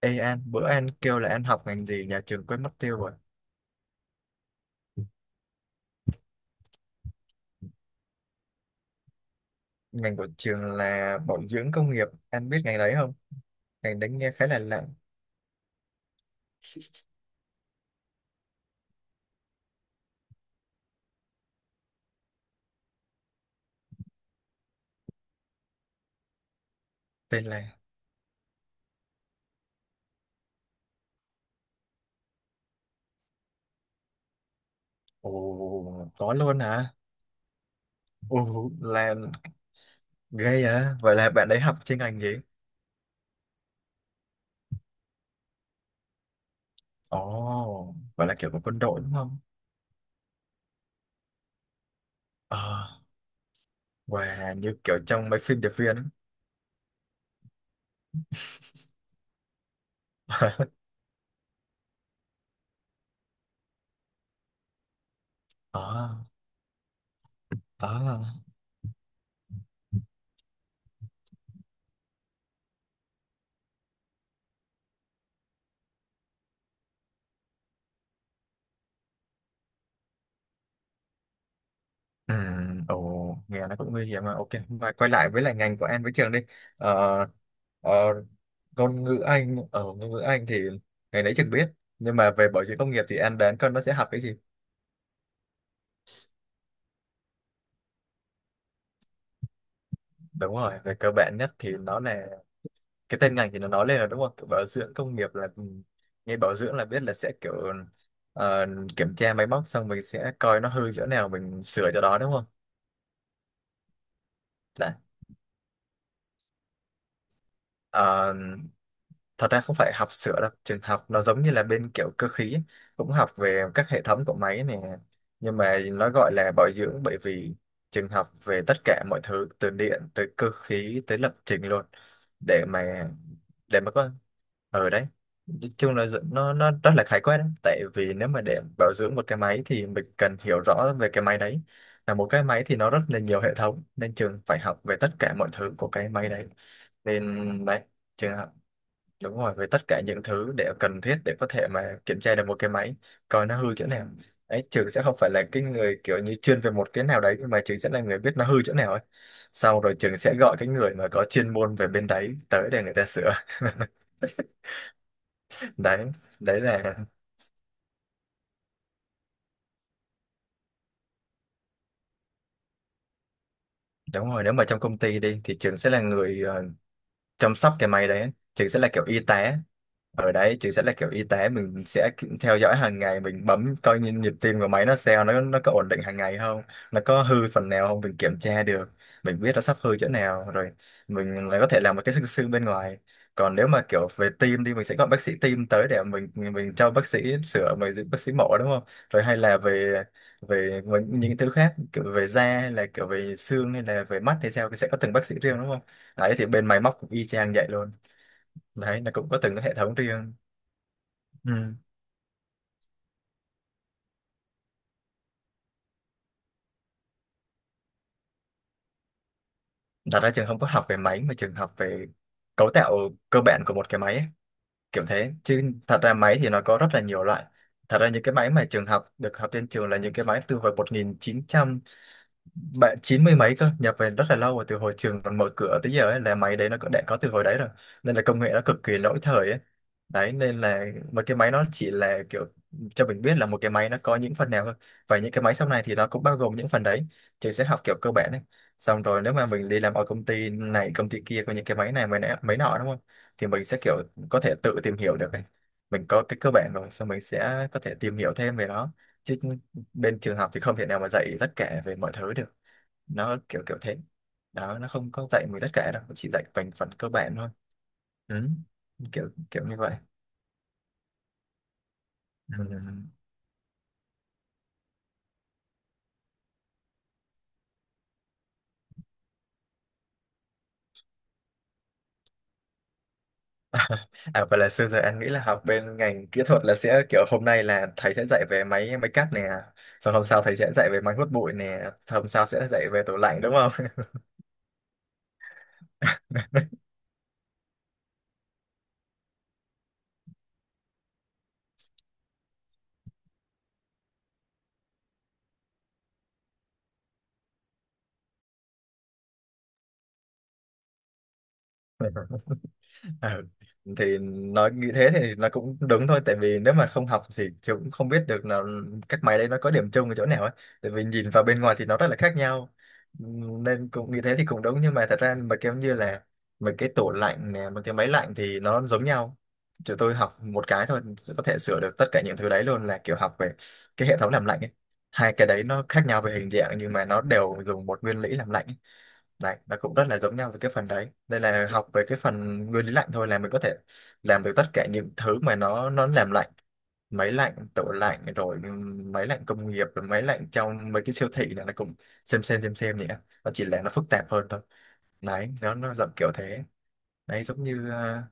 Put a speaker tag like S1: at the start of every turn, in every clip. S1: Ê An, bữa An kêu là An học ngành gì nhà trường quên mất tiêu rồi. Ngành của trường là bảo dưỡng công nghiệp. An biết ngành đấy không? Ngành đấy nghe khá là lạ. Tên là... Ồ, có luôn hả? Ồ, là ghê à? Vậy là bạn đấy học chuyên ngành gì? Ồ, vậy là kiểu của quân đội đúng không? Ờ, wow, như kiểu trong mấy phim điệp viên ấy. Ờ, ờ. Ừ, ồ, nghe nó cũng nguy hiểm mà. Ok, mà quay lại với lại ngành của em với trường đi. Ờ, ờ, ngôn ngữ Anh, ở ngôn ngữ Anh thì ngày nãy trường biết. Nhưng mà về bảo dưỡng công nghiệp thì em đoán con nó sẽ học cái gì? Đúng rồi, về cơ bản nhất thì nó là cái tên ngành thì nó nói lên là đúng không? Kiểu bảo dưỡng công nghiệp là, ừ, nghe bảo dưỡng là biết là sẽ kiểu, ờ, kiểm tra máy móc xong mình sẽ coi nó hư chỗ nào mình sửa chỗ đó đúng không? Đấy. ờ, Thật ra không phải học sửa đâu, trường học nó giống như là bên kiểu cơ khí ấy. Cũng học về các hệ thống của máy này, nhưng mà nó gọi là bảo dưỡng bởi vì trường học về tất cả mọi thứ từ điện tới cơ khí tới lập trình luôn, để mà, để mà có ở đấy, nói chung là nó rất là khái quát đấy, tại vì nếu mà để bảo dưỡng một cái máy thì mình cần hiểu rõ về cái máy đấy. Là một cái máy thì nó rất là nhiều hệ thống nên trường phải học về tất cả mọi thứ của cái máy đấy, nên đấy, trường. Đúng rồi, với tất cả những thứ để cần thiết để có thể mà kiểm tra được một cái máy, coi nó hư chỗ nào ấy. Trường sẽ không phải là cái người kiểu như chuyên về một cái nào đấy, nhưng mà Trường sẽ là người biết nó hư chỗ nào ấy. Sau rồi Trường sẽ gọi cái người mà có chuyên môn về bên đấy tới để người ta sửa. Đấy, đấy là, đúng rồi, nếu mà trong công ty đi thì Trường sẽ là người, ờ, chăm sóc cái máy đấy. Trường sẽ là kiểu y tá ở đấy, chứ sẽ là kiểu y tế, mình sẽ theo dõi hàng ngày, mình bấm coi nhịp nhịp tim của máy nó sao, nó có ổn định hàng ngày không, nó có hư phần nào không mình kiểm tra được, mình biết nó sắp hư chỗ nào rồi, mình lại có thể làm một cái xương xương bên ngoài. Còn nếu mà kiểu về tim đi, mình sẽ gọi bác sĩ tim tới để mình cho bác sĩ sửa, mình giúp bác sĩ mổ đúng không, rồi hay là về về những thứ khác kiểu về da hay là kiểu về xương hay là về mắt hay sao thì sẽ có từng bác sĩ riêng đúng không, đấy thì bên máy móc cũng y chang vậy luôn đấy, là cũng có từng cái hệ thống riêng. Ừ. Thật ra trường không có học về máy mà trường học về cấu tạo cơ bản của một cái máy ấy, kiểu thế, chứ thật ra máy thì nó có rất là nhiều loại. Thật ra những cái máy mà trường học được học trên trường là những cái máy từ hồi 1990 mấy cơ, nhập về rất là lâu rồi, từ hồi trường còn mở cửa tới giờ ấy, là máy đấy nó cũng đã có từ hồi đấy rồi, nên là công nghệ nó cực kỳ lỗi thời ấy. Đấy, nên là một cái máy nó chỉ là kiểu cho mình biết là một cái máy nó có những phần nào thôi, và những cái máy sau này thì nó cũng bao gồm những phần đấy, trường sẽ học kiểu cơ bản đấy. Xong rồi nếu mà mình đi làm ở công ty này công ty kia có những cái máy này máy nọ đúng không, thì mình sẽ kiểu có thể tự tìm hiểu được ấy. Mình có cái cơ bản rồi, xong mình sẽ có thể tìm hiểu thêm về nó, chứ bên trường học thì không thể nào mà dạy tất cả về mọi thứ được. Nó kiểu kiểu thế đó, nó không có dạy mình tất cả đâu, chỉ dạy mình phần cơ bản thôi. Ừ, kiểu kiểu như vậy. Ừm. À vậy là xưa giờ anh nghĩ là học bên ngành kỹ thuật là sẽ kiểu hôm nay là thầy sẽ dạy về máy máy cắt nè, xong hôm sau thầy sẽ dạy về máy hút bụi nè, xong hôm sau sẽ dạy về tủ lạnh đúng không? Ờ, thì nói nghĩ thế thì nó cũng đúng thôi, tại vì nếu mà không học thì chị cũng không biết được là các máy đấy nó có điểm chung ở chỗ nào ấy, tại vì nhìn vào bên ngoài thì nó rất là khác nhau. Nên cũng nghĩ thế thì cũng đúng, nhưng mà thật ra mà kiểu như là mấy cái tủ lạnh nè mấy cái máy lạnh thì nó giống nhau, chúng tôi học một cái thôi có thể sửa được tất cả những thứ đấy luôn, là kiểu học về cái hệ thống làm lạnh ấy. Hai cái đấy nó khác nhau về hình dạng nhưng mà nó đều dùng một nguyên lý làm lạnh ấy. Đấy, nó cũng rất là giống nhau về cái phần đấy. Đây là học về cái phần nguyên lý lạnh thôi là mình có thể làm được tất cả những thứ mà nó làm lạnh. Máy lạnh, tủ lạnh, rồi, ừ, máy lạnh công nghiệp, rồi máy lạnh trong mấy cái siêu thị này nó cũng xem nhỉ. Nó chỉ là nó phức tạp hơn thôi. Đấy, nó dạng kiểu thế. Đấy, giống như, à,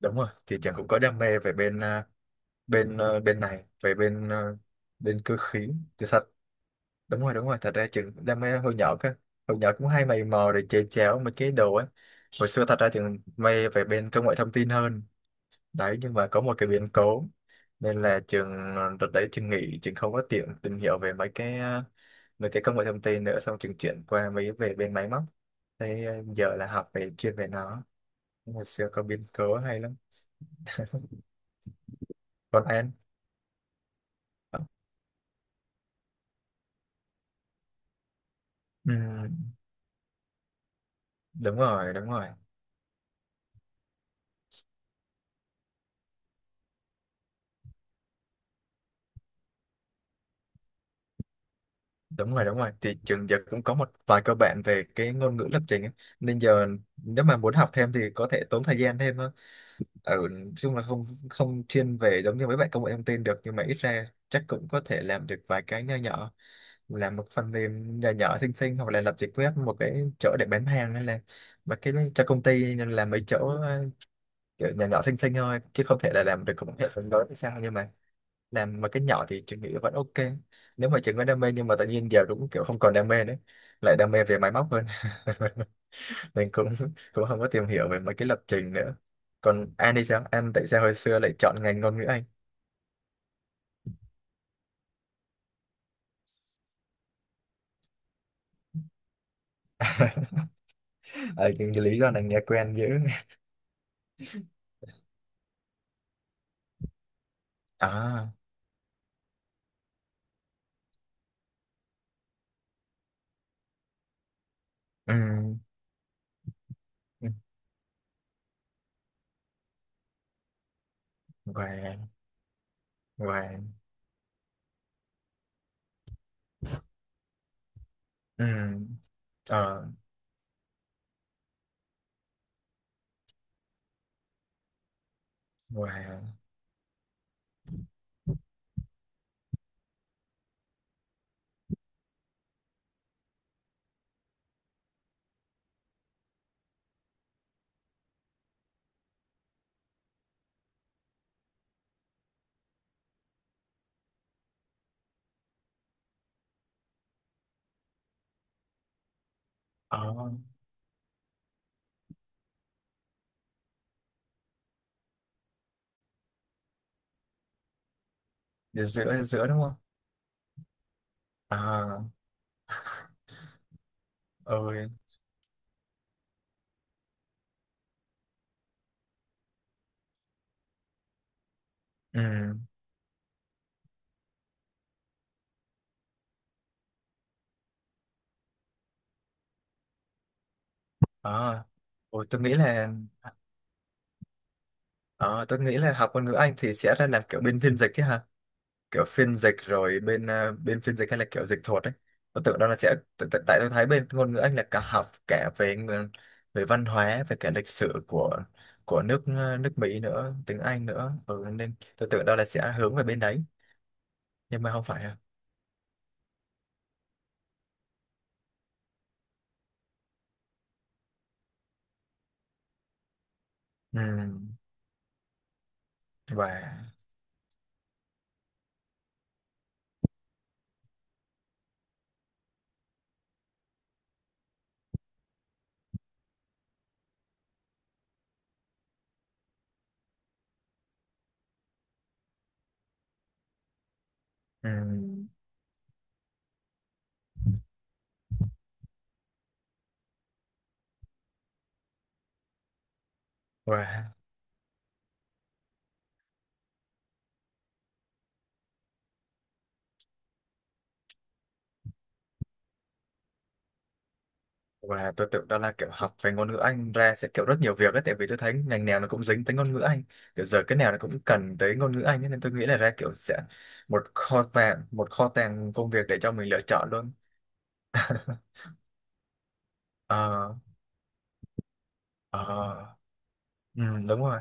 S1: đúng rồi, thì chẳng cũng có đam mê về bên, à, bên, à, bên này, về bên, à, bên cơ khí. Thì thật, đúng rồi đúng rồi, thật ra trường đam mê hồi nhỏ cơ, hồi nhỏ cũng hay mày mò để chè chéo mấy cái đồ ấy. Hồi xưa thật ra trường mê về bên công nghệ thông tin hơn đấy, nhưng mà có một cái biến cố nên là trường, đợt đấy trường nghỉ, trường không có tiện tìm hiểu về mấy cái, ờ, mấy cái công nghệ thông tin nữa, xong trường chuyển qua mấy về bên máy móc thế. Ờ, giờ là học về chuyên về nó. Hồi xưa có biến cố hay lắm. Còn em, ừ, đúng rồi đúng rồi đúng rồi đúng rồi, thì trường giờ cũng có một vài cơ bản về cái ngôn ngữ lập trình ấy. Nên giờ nếu mà muốn học thêm thì có thể tốn thời gian thêm hơn, ở nói chung là không không chuyên về giống như mấy bạn công nghệ thông tin được, nhưng mà ít ra chắc cũng có thể làm được vài cái nho nhỏ, làm một phần mềm nhỏ nhỏ xinh xinh hoặc là lập trình web một cái chỗ để bán hàng hay là mà cái cho công ty, nên làm mấy chỗ, ờ, kiểu nhỏ nhỏ xinh xinh thôi chứ không thể là làm được một hệ thống lớn hay sao, nhưng mà làm mà cái nhỏ thì chị nghĩ vẫn ok. Nếu mà chị có đam mê nhưng mà tự nhiên giờ cũng kiểu không còn đam mê nữa, lại đam mê về máy móc hơn. Nên cũng, cũng không có tìm hiểu về mấy cái lập trình nữa. Còn An thì sao, An tại sao hồi xưa lại chọn ngành ngôn ngữ Anh? À, cái lý do này nghe quen dữ. À, ừ, và và, ừ, ờ, và, ờ, giữa giữa đúng không? À, ơi, ừ, à, ôi, tôi nghĩ là. Ờ, tôi nghĩ là học ngôn ngữ Anh thì sẽ ra làm kiểu bên phiên dịch chứ ha, kiểu phiên dịch rồi bên, ờ, bên phiên dịch hay là kiểu dịch thuật ấy. Tôi tưởng đó là sẽ tại tại- tại tôi thấy bên ngôn ngữ Anh là cả học cả về về văn hóa về cả lịch sử của nước, ờ, nước Mỹ nữa, tiếng Anh nữa, ừ, nên tôi tưởng đó là sẽ hướng về bên đấy, nhưng mà không phải ha. Ừ, và, ừ, và. Và tôi tưởng đó là kiểu học về ngôn ngữ Anh ra sẽ kiểu rất nhiều việc ấy, tại vì tôi thấy ngành nào nó cũng dính tới ngôn ngữ Anh. Kiểu giờ cái nào nó cũng cần tới ngôn ngữ Anh ấy, nên tôi nghĩ là ra kiểu sẽ một kho tàng công việc để cho mình lựa chọn luôn. Ờ, ờ, ừ, đúng rồi.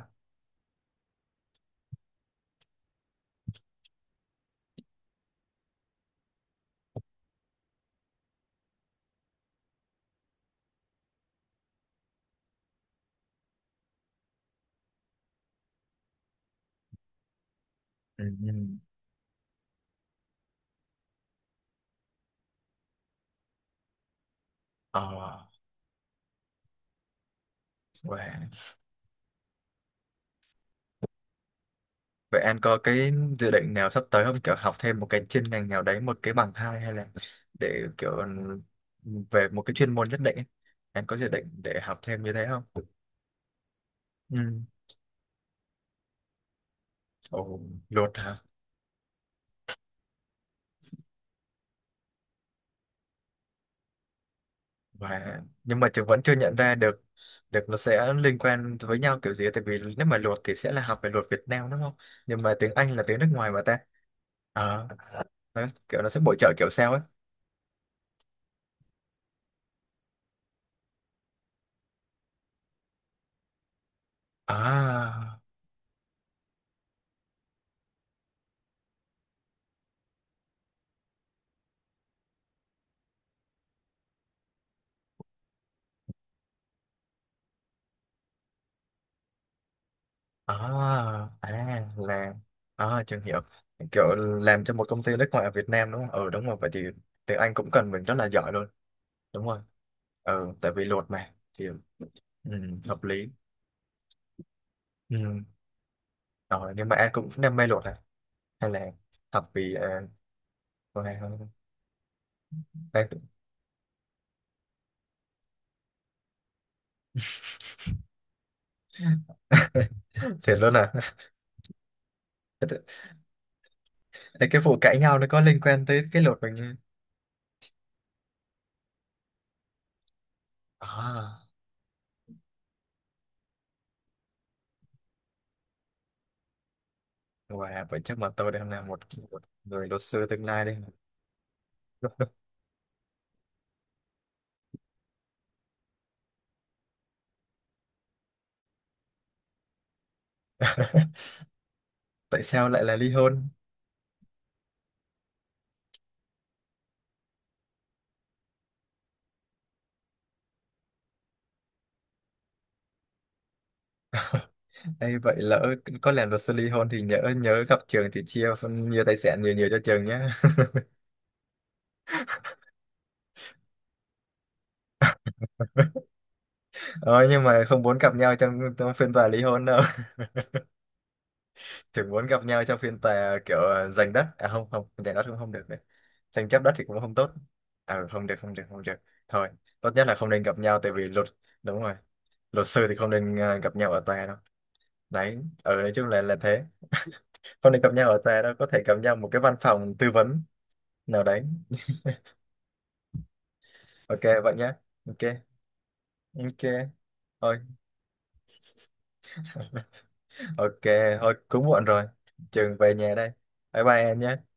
S1: Ừ, ừ. Ờ, vậy, vậy anh có cái dự định nào sắp tới không? Kiểu học thêm một cái chuyên ngành nào đấy, một cái bằng hai, hay là để kiểu về một cái chuyên môn nhất định ấy. Anh có dự định để học thêm như thế không? Ừ. Ồ, luật hả? Và nhưng mà trường vẫn chưa nhận ra được được nó sẽ liên quan với nhau kiểu gì, tại vì nếu mà luật thì sẽ là học về luật Việt Nam đúng không? Nhưng mà tiếng Anh là tiếng nước ngoài mà ta. Ờ, nó, kiểu nó sẽ bổ trợ kiểu sao ấy. À, à, à là, à trường hiểu. Kiểu làm cho một công ty nước ngoài ở Việt Nam đúng không? Ừ đúng rồi, vậy thì tiếng Anh cũng cần mình rất là giỏi luôn. Đúng rồi. Ừ, tại vì luật mà thì, ừ, hợp lý. Ừ. Rồi, nhưng mà anh cũng đam mê luật. Thằng này học vì, à, con này không. Đấy. Thiệt luôn à? Ê, cái vụ cãi nhau nó có liên quan tới cái luật mình như, à, wow, vậy chắc mà tôi đang là một, một người luật sư tương lai đây. Tại sao lại là ly hôn? Ê, vậy lỡ có làm luật sư ly hôn thì nhớ nhớ gặp trường thì chia nhiều tài sản nhiều nhiều cho trường nhé. Ờ nhưng mà không muốn gặp nhau trong trong phiên tòa ly hôn đâu, chỉ muốn gặp nhau trong phiên tòa kiểu, ờ, giành đất, à không không giành đất cũng không được đấy, tranh chấp đất thì cũng không tốt, à không được không được không được. Thôi, tốt nhất là không nên gặp nhau tại vì luật, đúng rồi, luật sư thì không nên, ờ, gặp nhau ở tòa đâu. Đấy, ở nói chung là thế, không nên gặp nhau ở tòa đâu, có thể gặp nhau một cái văn phòng tư vấn nào đấy. Ok vậy nhé. Ok. Ok, thôi. Ok, thôi cũng muộn rồi, trường về nhà đây. Bye bye em nhé.